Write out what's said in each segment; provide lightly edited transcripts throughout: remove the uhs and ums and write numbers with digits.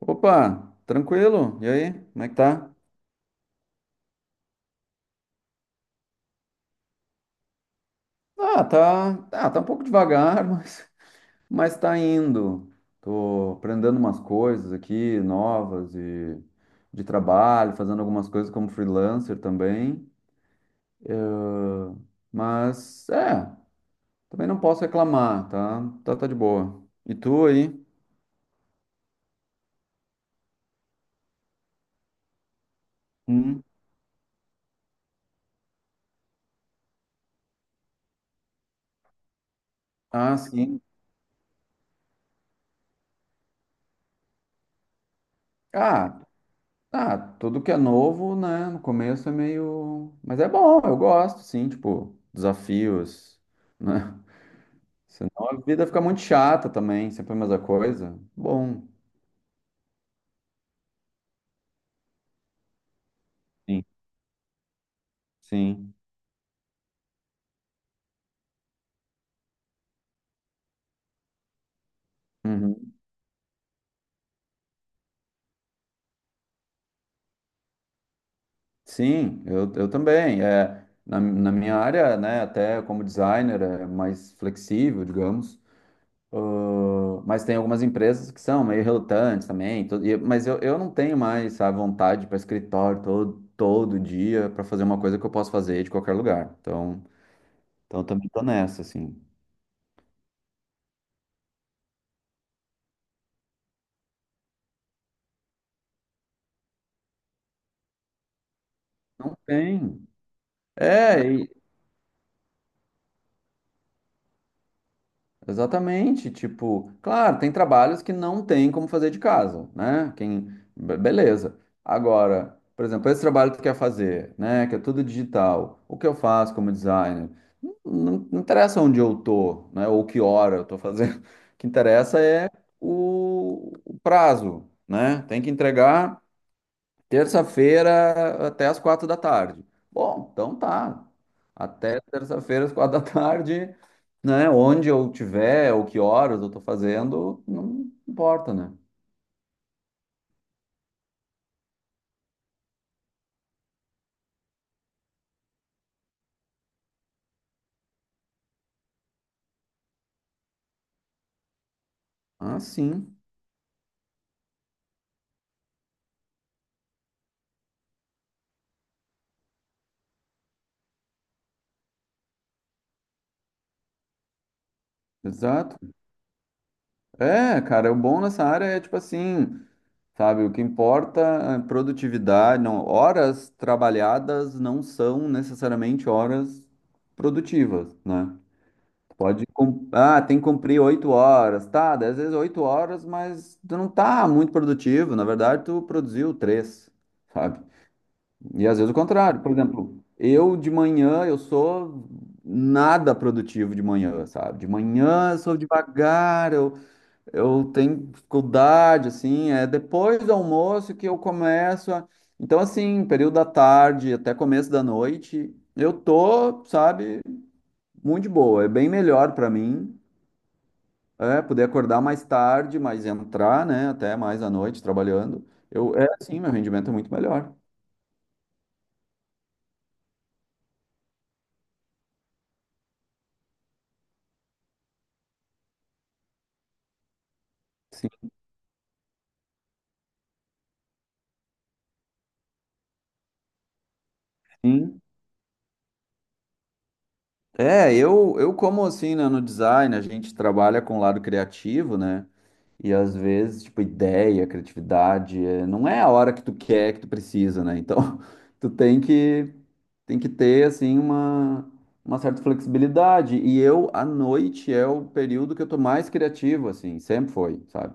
Opa, tranquilo? E aí, como é que tá? Ah, tá, tá, tá um pouco devagar, mas tá indo. Tô aprendendo umas coisas aqui novas e de trabalho, fazendo algumas coisas como freelancer também, mas é, também não posso reclamar, tá? Tá, tá de boa. E tu aí? Hum. Ah, sim. Ah, ah, tudo que é novo, né, no começo é meio, mas é bom, eu gosto, sim, tipo, desafios, né? Senão a vida fica muito chata também, sempre a mesma coisa. Bom, sim, sim. Uhum. Sim, eu também. É, na minha área, né, até como designer, é mais flexível, digamos. Ah, mas tem algumas empresas que são meio relutantes também. Mas eu não tenho mais a vontade para escritório todo dia para fazer uma coisa que eu posso fazer de qualquer lugar. Então, também tô nessa, assim. Não tem. É, exatamente, tipo, claro, tem trabalhos que não tem como fazer de casa, né? Quem, beleza. Agora, por exemplo, esse trabalho que tu quer fazer, né? Que é tudo digital. O que eu faço como designer? Não, não interessa onde eu tô, né? Ou que hora eu tô fazendo. O que interessa é o prazo, né? Tem que entregar terça-feira até as 4 da tarde. Bom, então tá. Até terça-feira às 4 da tarde, né? Onde eu tiver, ou que horas eu tô fazendo, não importa, né? Ah, sim, exato. É, cara, o bom nessa área é tipo assim, sabe? O que importa é produtividade, não, horas trabalhadas não são necessariamente horas produtivas, né? Pode, tem que cumprir 8 horas, tá? Daí às vezes 8 horas, mas tu não tá muito produtivo. Na verdade, tu produziu três, sabe? E às vezes o contrário. Por exemplo, eu de manhã, eu sou nada produtivo de manhã, sabe? De manhã eu sou devagar, eu tenho dificuldade, assim. É depois do almoço que eu começo a... Então, assim, período da tarde até começo da noite, eu tô, sabe, muito de boa. É bem melhor pra mim poder acordar mais tarde, mas entrar, né, até mais à noite trabalhando. Eu, sim, meu rendimento é muito melhor. Sim, sim. É, eu como assim, né, no design, a gente trabalha com o lado criativo, né? E às vezes, tipo, ideia, criatividade, não é a hora que tu quer, que tu precisa, né? Então, tu tem que ter assim uma certa flexibilidade. E eu à noite é o período que eu tô mais criativo assim, sempre foi, sabe?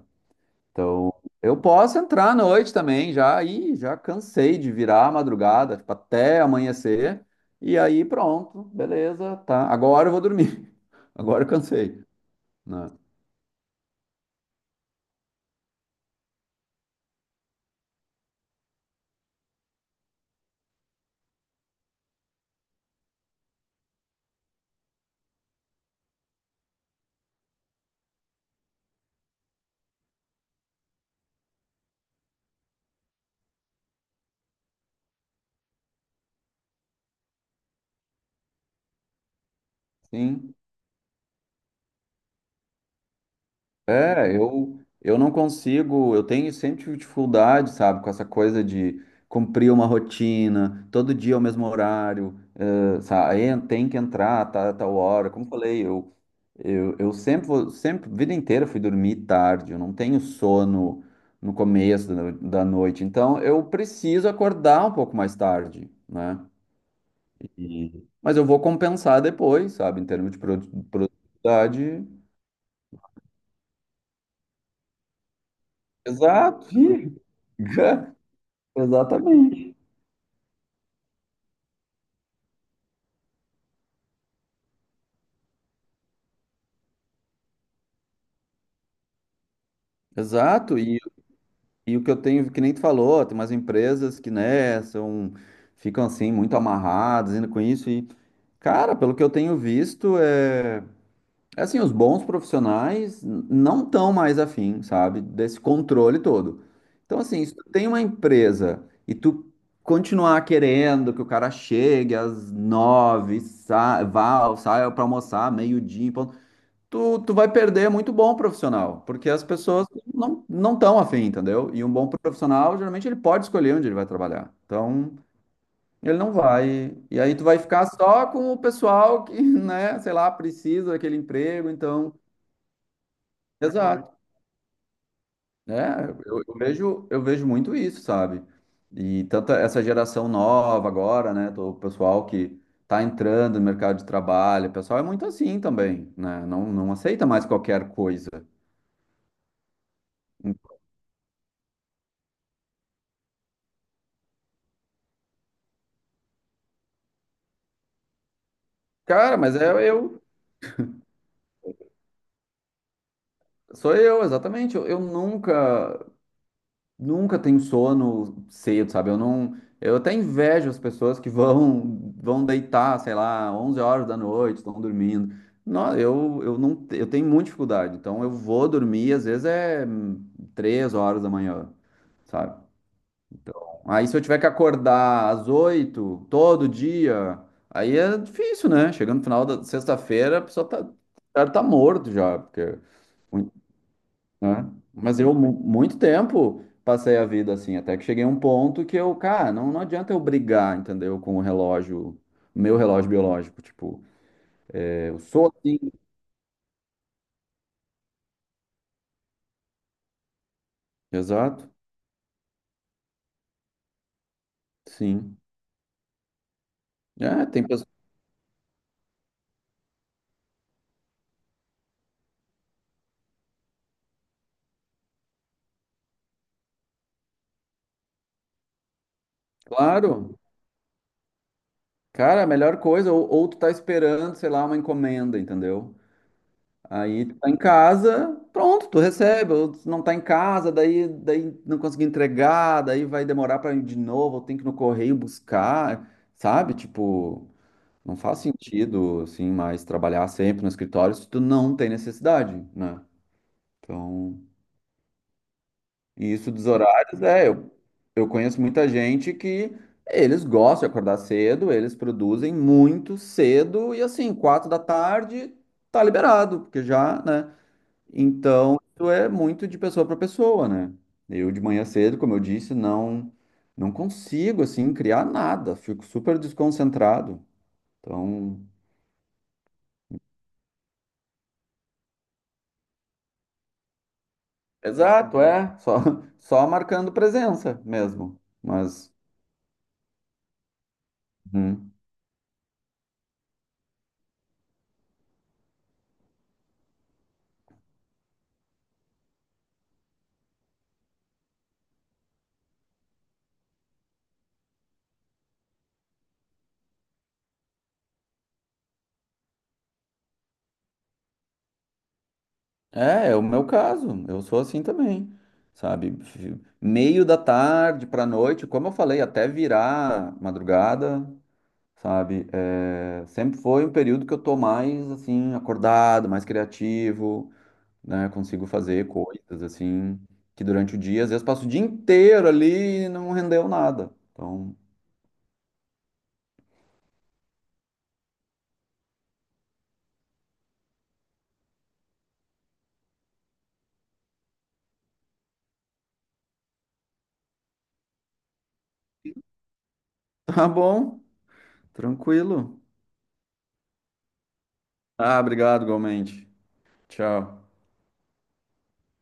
Então, eu posso entrar à noite também, já aí já cansei de virar a madrugada, tipo, até amanhecer, e aí pronto, beleza, tá. Agora eu vou dormir. Agora eu cansei, né? Sim. É, eu não consigo, eu tenho sempre tive dificuldade, sabe, com essa coisa de cumprir uma rotina, todo dia ao mesmo horário, sabe? Aí tem que entrar, tá, tal hora. Como eu falei, eu sempre, vida inteira fui dormir tarde, eu não tenho sono no começo da noite, então eu preciso acordar um pouco mais tarde, né? Mas eu vou compensar depois, sabe, em termos de produtividade. Exato, ih, exatamente. Exato, e o que eu tenho, que nem tu falou, tem umas empresas que, né, são, ficam assim muito amarradas ainda com isso, e, cara, pelo que eu tenho visto, é. Assim, os bons profissionais não estão mais afim, sabe, desse controle todo. Então, assim, se tu tem uma empresa e tu continuar querendo que o cara chegue às 9, saia para almoçar meio-dia, em ponto, tu vai perder muito bom profissional, porque as pessoas não estão afim, entendeu? E um bom profissional, geralmente, ele pode escolher onde ele vai trabalhar. Então, ele não vai. E aí tu vai ficar só com o pessoal que, né, sei lá, precisa daquele emprego, então. Exato. Né, eu vejo muito isso, sabe? E tanta essa geração nova agora, né? O pessoal que tá entrando no mercado de trabalho, o pessoal é muito assim também, né? Não, não aceita mais qualquer coisa. Cara, mas sou eu, exatamente. Eu nunca Nunca tenho sono cedo, sabe? Eu não, eu até invejo as pessoas que vão deitar, sei lá, 11 horas da noite, estão dormindo. Não, eu não, eu tenho muita dificuldade. Então eu vou dormir, às vezes é 3 horas da manhã, sabe? Aí se eu tiver que acordar às 8 todo dia, aí é difícil, né? Chegando no final da sexta-feira, a pessoa tá morto já, porque né? Mas eu, muito tempo, passei a vida assim, até que cheguei a um ponto que eu, cara, não, não adianta eu brigar, entendeu? Com o relógio, meu relógio biológico, tipo, eu sou assim. Exato, sim. É, tem pessoas, claro, cara, a melhor coisa, ou, tu tá esperando, sei lá, uma encomenda, entendeu? Aí tu tá em casa, pronto, tu recebe, ou tu não tá em casa, daí não consegui entregar, daí vai demorar pra ir de novo, ou tem que ir no correio buscar, sabe? Tipo. Não faz sentido, assim, mais trabalhar sempre no escritório se tu não tem necessidade, né? Então, e isso dos horários, eu conheço muita gente que eles gostam de acordar cedo, eles produzem muito cedo e assim, 4 da tarde tá liberado, porque já, né? Então, isso é muito de pessoa para pessoa, né? Eu de manhã cedo, como eu disse, não consigo assim criar nada, fico super desconcentrado. Então. Exato, é. Só, só marcando presença mesmo. Mas. Uhum. É, o meu caso. Eu sou assim também, sabe? Meio da tarde pra noite, como eu falei, até virar madrugada, sabe? É, sempre foi um período que eu tô mais assim acordado, mais criativo, né? Consigo fazer coisas assim que durante o dia, às vezes passo o dia inteiro ali e não rendeu nada. Então, tá bom, tranquilo. Ah, obrigado, igualmente. Tchau.